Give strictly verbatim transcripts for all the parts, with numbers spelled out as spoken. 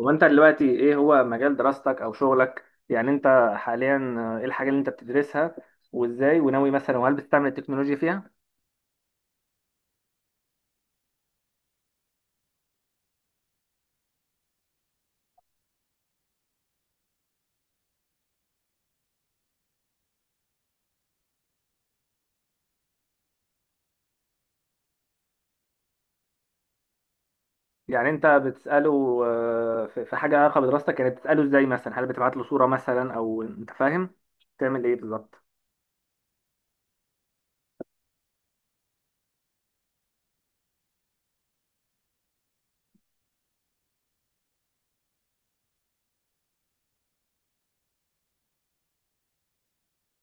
هو انت دلوقتي ايه هو مجال دراستك او شغلك؟ يعني انت حاليا، آه، ايه الحاجه اللي انت بتدرسها؟ وازاي؟ وناوي مثلا؟ وهل بتستعمل التكنولوجيا فيها؟ يعني انت بتساله، آه، في في حاجه علاقه بدراستك؟ يعني بتساله ازاي مثلا؟ هل بتبعت له صوره مثلا او انت فاهم تعمل ايه بالظبط؟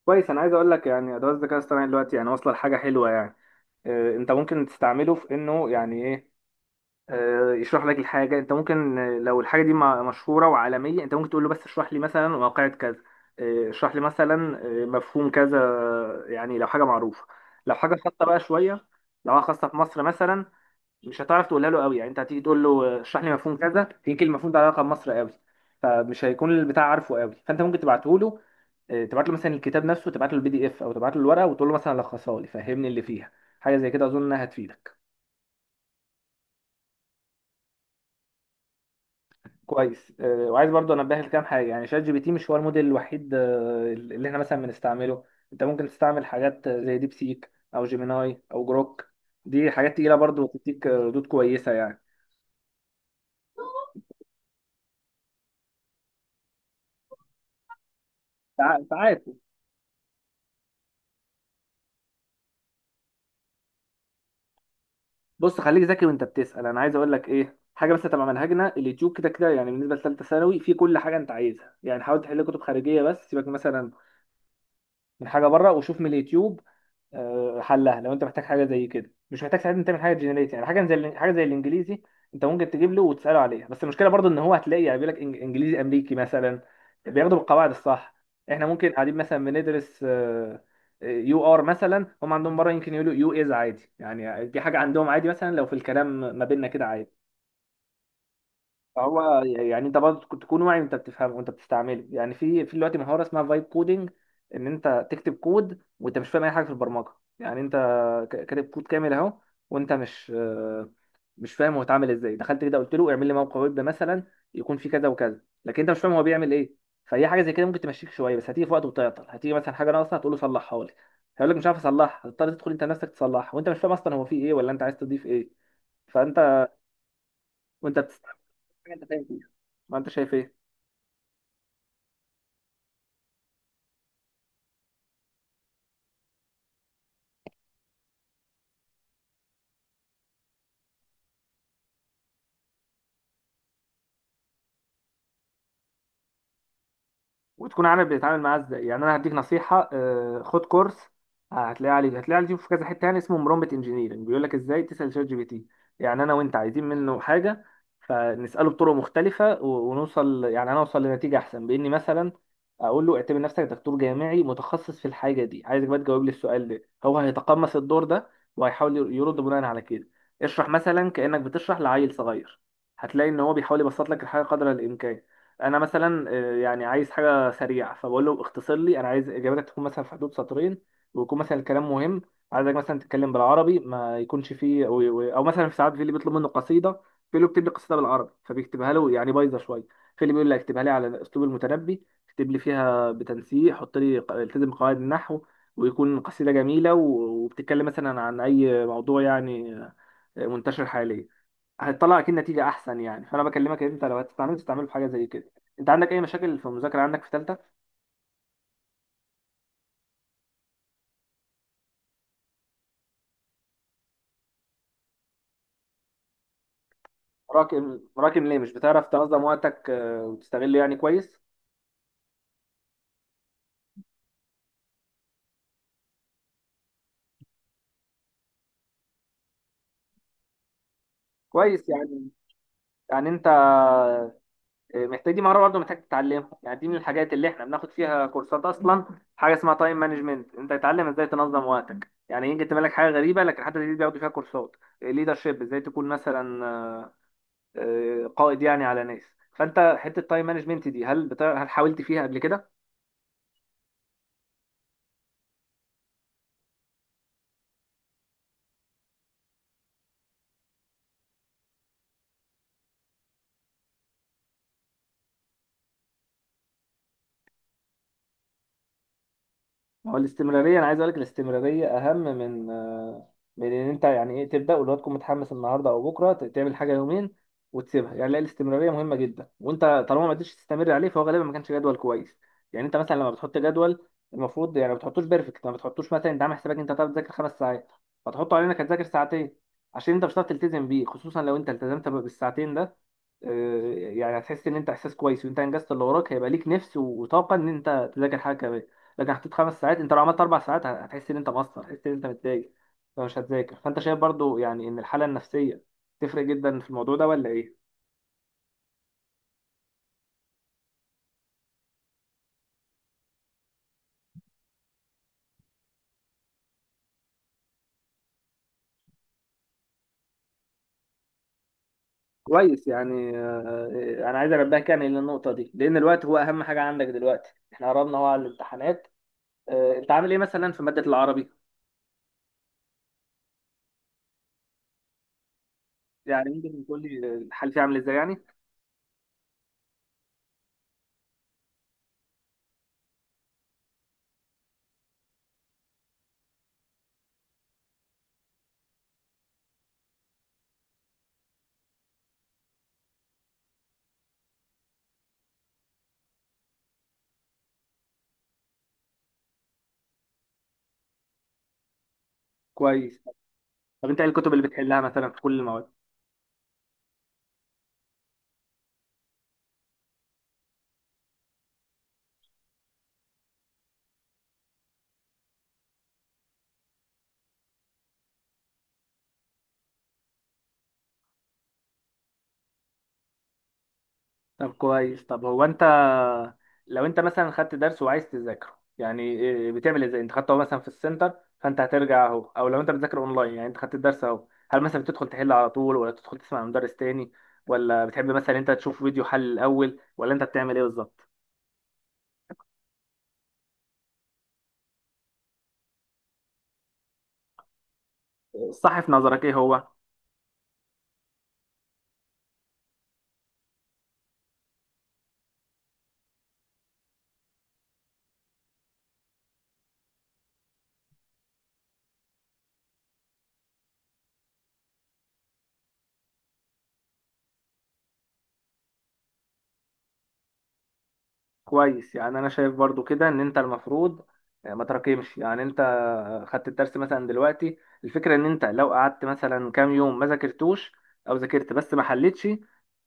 كويس، انا عايز اقول لك يعني ادوات الذكاء الاصطناعي دلوقتي يعني واصله لحاجه حلوه يعني. آه، انت ممكن تستعمله في انه يعني ايه، آه، يشرح لك الحاجة. انت ممكن، آه، لو الحاجة دي م- مشهورة وعالمية انت ممكن تقول له بس اشرح لي مثلا واقعة كذا، آه، اشرح لي مثلا، آه، مفهوم كذا. آه، يعني لو حاجة معروفة. لو حاجة خاصة بقى شوية، لو حاجة خاصة في مصر مثلا مش هتعرف تقولها له قوي. يعني انت هتيجي تقول له، آه، اشرح لي مفهوم كذا، يمكن المفهوم ده علاقة بمصر قوي، فمش هيكون البتاع عارفه قوي. فانت ممكن تبعته له، آه، تبعت له مثلا الكتاب نفسه، تبعت له بي دي إف، او تبعت له الورقة وتقول له مثلا لخصها لي، فهمني اللي فيها. حاجة زي كده اظن انها هتفيدك. كويس، آه، وعايز برضه انبه لكام حاجه. يعني شات جي بي تي مش هو الموديل الوحيد آه، اللي احنا مثلا بنستعمله. انت ممكن تستعمل حاجات آه، زي ديب سيك او جيميناي او جروك. دي حاجات تقيله برضه وتديك آه، ردود كويسه يعني. ساع- ساعات. بص، خليك ذكي وانت بتسال. انا عايز اقول لك ايه حاجه بس، تبع منهجنا اليوتيوب كده كده. يعني بالنسبه لثالثه ثانوي في كل حاجه انت عايزها. يعني حاول تحل كتب خارجيه بس، سيبك مثلا من حاجه بره، وشوف من اليوتيوب، آه، حلها. لو انت محتاج حاجه زي كده، مش محتاج ساعتها تعمل حاجه جنريت. يعني حاجه زي حاجه زي الانجليزي، انت ممكن تجيب له وتساله عليها. بس المشكله برضو ان هو هتلاقي يعني بيقول لك إنج- انجليزي امريكي مثلا، بياخدوا بالقواعد الصح. احنا ممكن قاعدين مثلا بندرس آه، آه، يو ار مثلا، هم عندهم بره يمكن يقولوا يو از عادي. يعني دي حاجه عندهم عادي، مثلا لو في الكلام ما بيننا كده عادي. هو يعني انت برضه تكون تكون واعي وانت بتفهمه وانت بتستعمله. يعني في في دلوقتي مهاره اسمها فايب كودنج، ان انت تكتب كود وانت مش فاهم اي حاجه في البرمجه. يعني انت ك- كاتب كود كامل اهو، وانت مش آه، مش فاهم هو اتعمل ازاي. دخلت كده قلت له اعمل لي موقع ويب مثلا يكون فيه كذا وكذا، لكن انت مش فاهم هو بيعمل ايه. فهي حاجه زي كده ممكن تمشيك شويه، بس هتيجي في وقت وتعطل، هتيجي مثلا حاجه ناقصه هتقول له صلحها لي، هيقول لك مش عارف اصلحها، هتضطر تدخل انت نفسك تصلحها وانت مش فاهم اصلا هو فيه ايه ولا انت عايز تضيف ايه. فانت وانت بتستعمل حاجه انت فاهم فيها. ما انت شايف ايه؟ وتكون عارف بتتعامل معاه ازاي. يعني انا هديك نصيحه، آه، خد كورس، هتلاقيه عليه هتلاقيه عليه في كذا حته، تاني اسمه برومبت انجينيرنج، بيقول لك ازاي تسال شات جي بي تي. يعني انا وانت عايزين منه حاجه، فنساله بطرق مختلفه و- ونوصل، يعني انا اوصل لنتيجه احسن باني مثلا اقول له اعتبر نفسك دكتور جامعي متخصص في الحاجه دي، عايزك بقى تجاوب لي السؤال ده. هو هيتقمص الدور ده وهيحاول ير- يرد بناء على كده. اشرح مثلا كانك بتشرح لعيل صغير، هتلاقي ان هو بيحاول يبسط لك الحاجه قدر الامكان. انا مثلا، آه، يعني عايز حاجه سريعه فبقول له اختصر لي، انا عايز اجابتك تكون مثلا في حدود سطرين، ويكون مثلا الكلام مهم، عايزك مثلا تتكلم بالعربي ما يكونش فيه او, أو مثلا. في ساعات في اللي بيطلب منه قصيده، في اللي بيكتب لي قصيده بالعربي فبيكتبها له يعني بايظه شويه، في اللي بيقول لي اكتبها لي على اسلوب المتنبي، اكتب لي فيها بتنسيق، حط لي ق- التزم قواعد النحو، ويكون قصيده جميله و- وبتتكلم مثلا عن اي موضوع يعني آه، منتشر حاليا. هتطلع اكيد نتيجه احسن. يعني فانا بكلمك ان انت لو هتستعمل تستعمله في حاجه زي كده. انت عندك اي مشاكل في المذاكره عندك في ثالثه؟ راكم راكم ليه؟ مش بتعرف تنظم وقتك آه، وتستغله يعني كويس؟ كويس يعني يعني انت، آه، محتاج، دي مهاره برضه محتاج تتعلمها. يعني دي من الحاجات اللي احنا بناخد فيها كورسات اصلا، حاجه اسمها تايم مانجمنت، انت تتعلم ازاي تنظم وقتك. يعني يجي تملك حاجه غريبه لكن حتى دي بياخدوا فيها كورسات. ليدرشيب، ازاي تكون مثلا آه، آه، قائد يعني على ناس. فانت حته تايم مانجمنت دي، هل بتاع هل حاولت فيها قبل كده؟ ما هو الاستمرارية. أنا عايز أقول لك الاستمرارية أهم من آه، من إن أنت يعني إيه تبدأ، واللي هو تكون متحمس النهاردة أو بكرة ت- تعمل حاجة يومين وتسيبها. يعني لا، الاستمرارية مهمة جدا، وأنت طالما ما قدرتش تستمر عليه فهو غالبا ما كانش جدول كويس. يعني أنت مثلا لما بتحط جدول المفروض يعني ما بتحطوش بيرفكت، ما بتحطوش مثلا أنت عامل حسابك أنت هتقعد تذاكر خمس ساعات فتحطه علينا إنك هتذاكر ساعتين، عشان أنت مش هتعرف تلتزم بيه. خصوصا لو أنت التزمت بالساعتين ده، آه، يعني هتحس إن أنت إحساس كويس وأنت أنجزت اللي وراك، هيبقى ليك نفس وطاقة إن أنت تذاكر حاجة كمان. لكن حطيت خمس ساعات، انت لو عملت اربع ساعات هتحس ان انت مقصر، هتحس ان انت متضايق فمش هتذاكر. فانت شايف برضو يعني ان الحاله النفسيه تفرق جدا في الموضوع ده ولا ايه؟ كويس يعني. آه، آه، انا عايز انبهك يعني للنقطه دي، لان الوقت هو اهم حاجه عندك دلوقتي، احنا قربنا هو على الامتحانات. آه، انت عامل ايه مثلا في ماده العربي؟ يعني ممكن تقول لي الحل فيها عامل ازاي يعني؟ كويس. طب انت ايه الكتب اللي بتحلها مثلا في كل المواد؟ طب كويس. طب هو انت لو انت مثلا خدت درس وعايز تذاكره يعني إيه بتعمل ازاي؟ انت خدته مثلا في السنتر، فانت هترجع اهو، او لو انت بتذاكر اونلاين يعني انت خدت الدرس اهو، هل مثلا بتدخل تحل على طول، ولا تدخل تسمع من مدرس تاني، ولا بتحب مثلا انت تشوف فيديو حل الاول، ولا انت بتعمل ايه بالظبط؟ الصح في نظرك ايه هو؟ كويس. يعني انا شايف برضو كده ان انت المفروض آه، ما تراكمش. يعني انت خدت الدرس مثلا دلوقتي، الفكره ان انت لو قعدت مثلا كام يوم ما ذاكرتوش، او ذاكرت بس ما حلتش،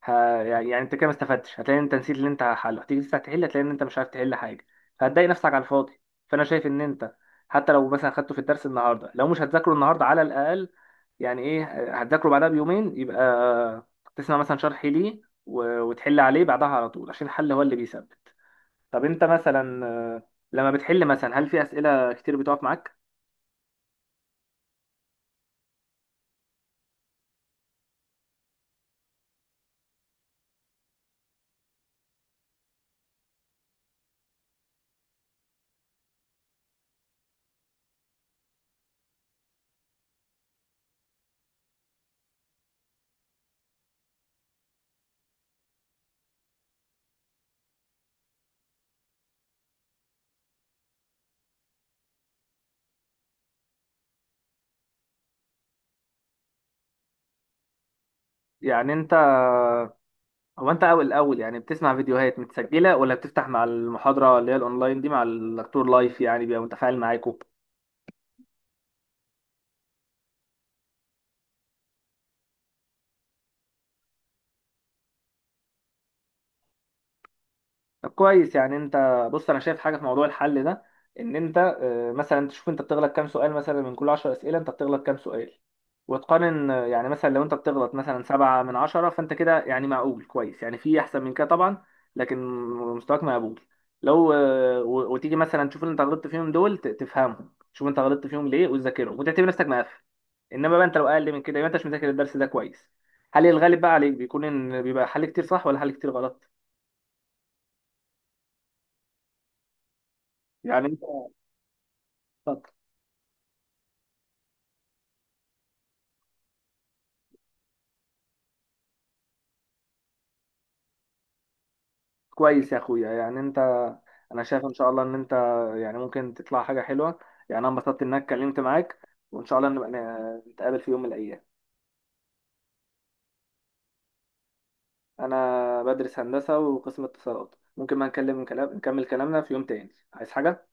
ه... يعني انت كده ما استفدتش. هتلاقي إن انت نسيت اللي انت حله، هتيجي تفتح تحل هتلاقي ان انت مش عارف تحل حاجه، فهتضايق نفسك على الفاضي. فانا شايف ان انت حتى لو مثلا خدته في الدرس النهارده، لو مش هتذاكره النهارده على الاقل يعني ايه هتذاكره بعدها بيومين، يبقى تسمع مثلا شرح ليه و... وتحل عليه بعدها على طول، عشان الحل هو اللي بيثبت. طب انت مثلا، آه، لما بتحل مثلا هل في اسئله كتير بتقف معاك؟ يعني انت، هو انت اول الاول يعني بتسمع فيديوهات متسجله، ولا بتفتح مع المحاضره اللي هي الاونلاين دي مع الدكتور لايف يعني بيبقى متفاعل معاكوا؟ طب كويس. يعني انت، بص، انا شايف حاجه في موضوع الحل ده، ان انت آه، مثلا تشوف انت بتغلط كام سؤال. مثلا من كل عشرة اسئله انت بتغلط كام سؤال، وتقارن. آه، يعني مثلا لو انت بتغلط مثلا سبعة من عشرة فانت كده يعني معقول كويس، يعني في احسن من كده طبعا، لكن مستواك مقبول. لو آه، و- وتيجي مثلا تشوف اللي انت غلطت فيهم دول ت- تفهمهم، تشوف انت غلطت فيهم ليه وتذاكرهم وتعتبر نفسك مقفل. انما بقى انت لو اقل من كده يبقى انت مش مذاكر الدرس ده كويس. هل الغالب بقى عليك بيكون ان بيبقى حل كتير صح ولا حل كتير غلط يعني؟ انت، كويس يا اخويا. يعني انت، انا شايف ان شاء الله ان انت يعني ممكن تطلع حاجه حلوه. يعني انا انبسطت انك اتكلمت معاك، وان شاء الله نبقى ن- نتقابل في يوم من الايام. انا بدرس هندسه وقسم اتصالات. ممكن ما نكلم كلام نكمل كلامنا في يوم تاني، عايز حاجه؟